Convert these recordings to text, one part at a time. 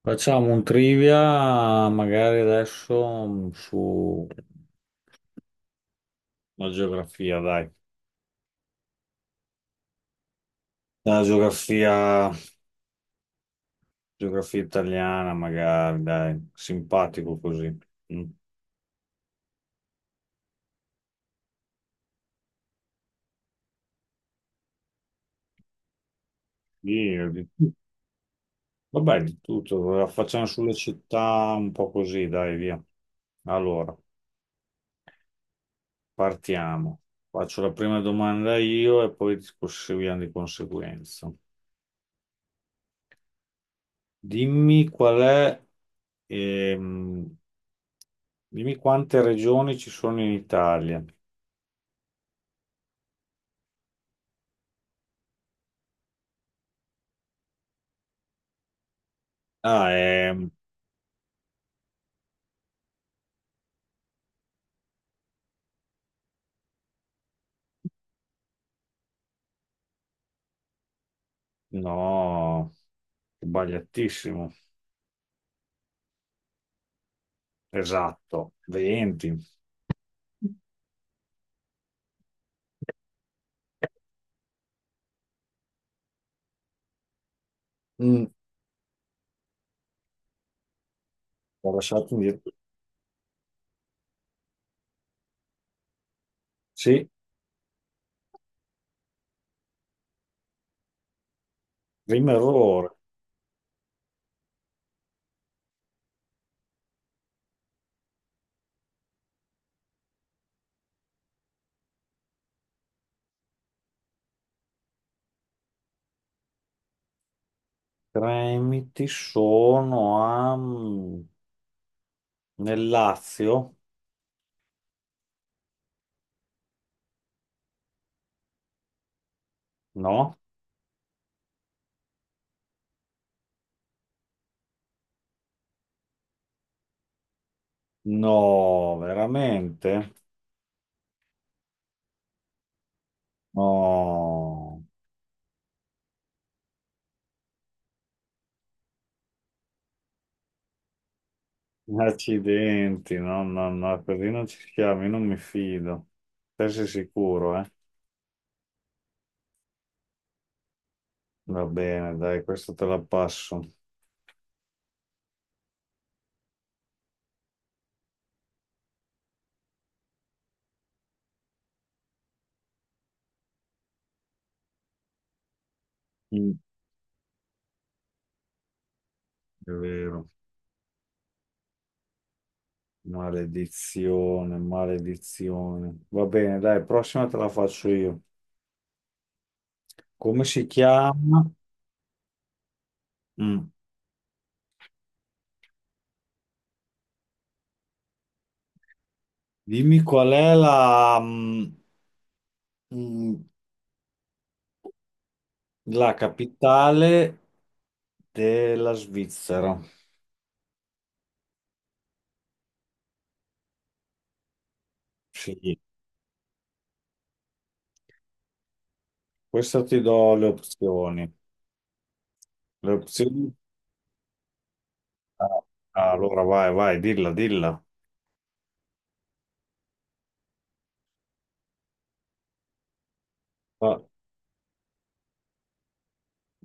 Facciamo un trivia, magari adesso su la geografia, dai. La geografia, geografia italiana, magari, dai. Simpatico così. Mm. Sì, di tutto. Vabbè, di tutto. La Facciamo sulle città un po' così, dai, via. Allora, partiamo. Faccio la prima domanda io e poi proseguiamo di conseguenza. Dimmi qual è ehm, Dimmi quante regioni ci sono in Italia. Ah, no, sbagliatissimo. Esatto, 20. Mm, ho lasciato indietro. Sì, primo errore. Tremiti sono nel Lazio? No? No, veramente? No. Accidenti, no, no, no, così non ci siamo, io non mi fido. Te sei sicuro, eh? Va bene, dai, questo te la passo. Mm. È vero. Maledizione, maledizione. Va bene, dai, prossima te la faccio io. Come si chiama? Mm. Dimmi qual è mm, la capitale della Svizzera. Sì. Questa ti do le opzioni. Le opzioni? Ah, ah, allora vai, vai, dilla, dilla. Va,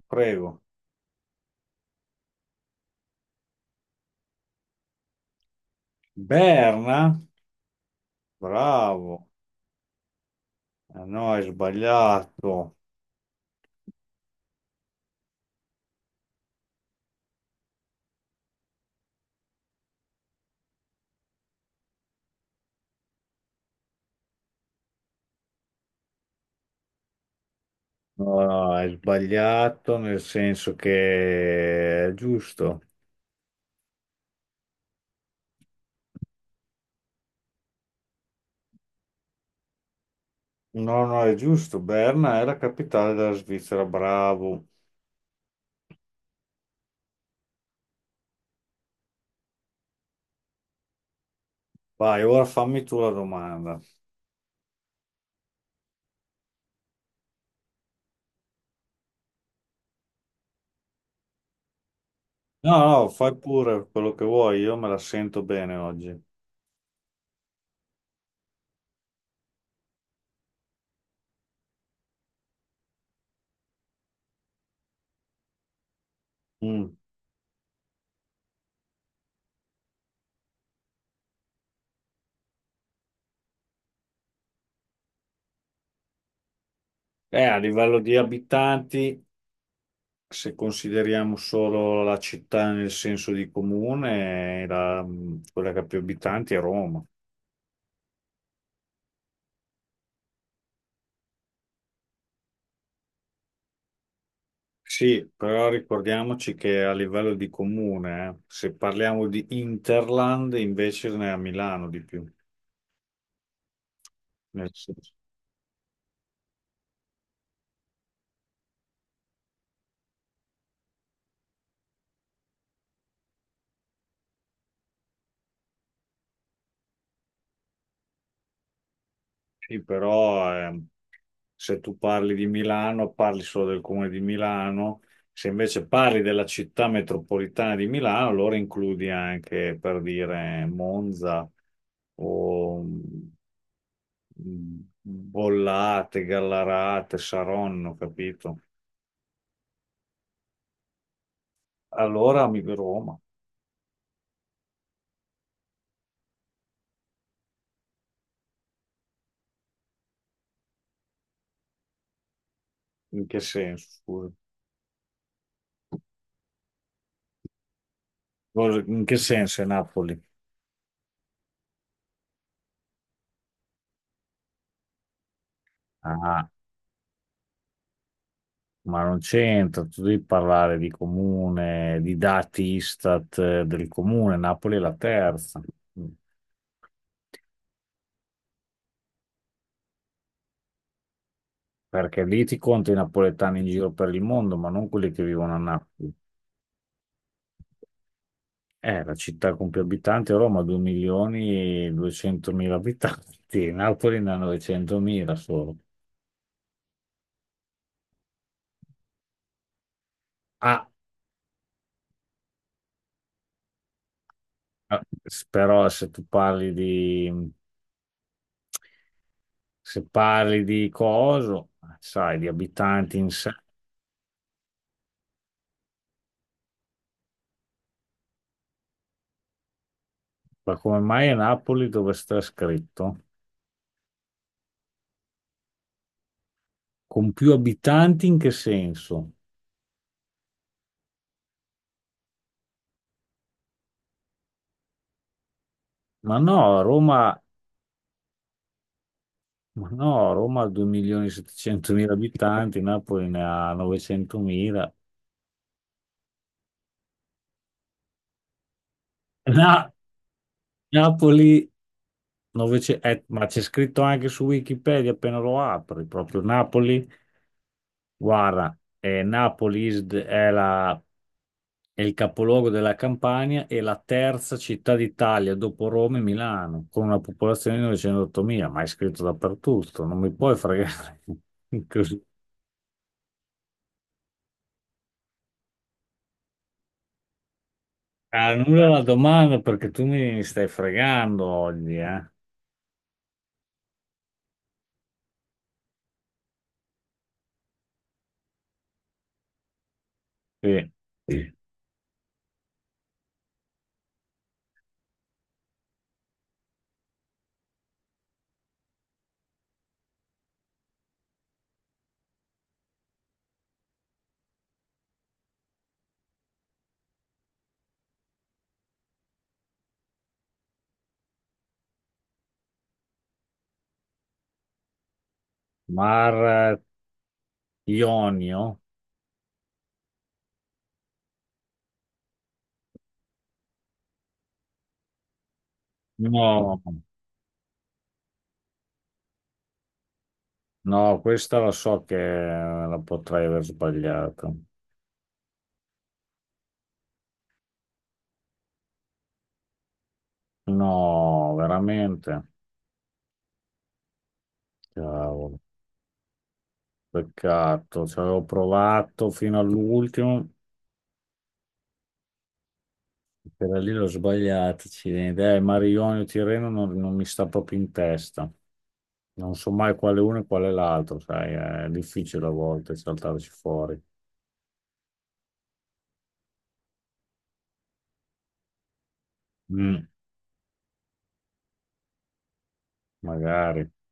prego. Berna? Bravo. Ah, no, hai sbagliato. No, no, hai sbagliato nel senso che è giusto. No, no, è giusto. Berna è la capitale della Svizzera, bravo. Vai, ora fammi tu la domanda. No, no, fai pure quello che vuoi, io me la sento bene oggi. Mm. A livello di abitanti, se consideriamo solo la città nel senso di comune, quella che ha più abitanti è Roma. Sì, però ricordiamoci che a livello di comune, se parliamo di Interland, invece ne è a Milano di più. Nel senso- Sì, però se tu parli di Milano, parli solo del comune di Milano. Se invece parli della città metropolitana di Milano, allora includi anche, per dire, Monza o Bollate, Gallarate, Saronno, capito? Allora mi Roma. In che senso? Scusa? In che senso è Napoli? Ah, ma non c'entra, tu devi parlare di comune, di dati Istat, del comune, Napoli è la terza, perché lì ti conto i napoletani in giro per il mondo, ma non quelli che vivono a Napoli. La città con più abitanti è Roma, 2 milioni e 200.000 abitanti, Napoli ne ha 900.000 solo. Ah, eh, però Se parli di coso, sai, di abitanti in sé, ma come mai a Napoli dove sta scritto? Con più abitanti in che senso? Ma no, Roma, ma no, Roma ha 2.700.000 abitanti, Napoli ne ha 900.000. Na- Napoli, 900 ma c'è scritto anche su Wikipedia appena lo apri, proprio Napoli, guarda, Napoli is the- è la È il capoluogo della Campania e la terza città d'Italia dopo Roma e Milano, con una popolazione di 908.000, ma è scritto dappertutto, non mi puoi fregare così. Annulla la domanda perché tu mi stai fregando oggi, eh? Sì. Sì. Mar Ionio? No, no, questa la so che la potrei aver sbagliata. No, veramente. Cavolo, peccato, ci avevo provato fino all'ultimo. Quella lì l'ho sbagliata, accidenti. Marione o Tirreno non mi sta proprio in testa. Non so mai quale uno e quale l'altro, sai, è difficile a volte saltarci fuori. Mm, magari.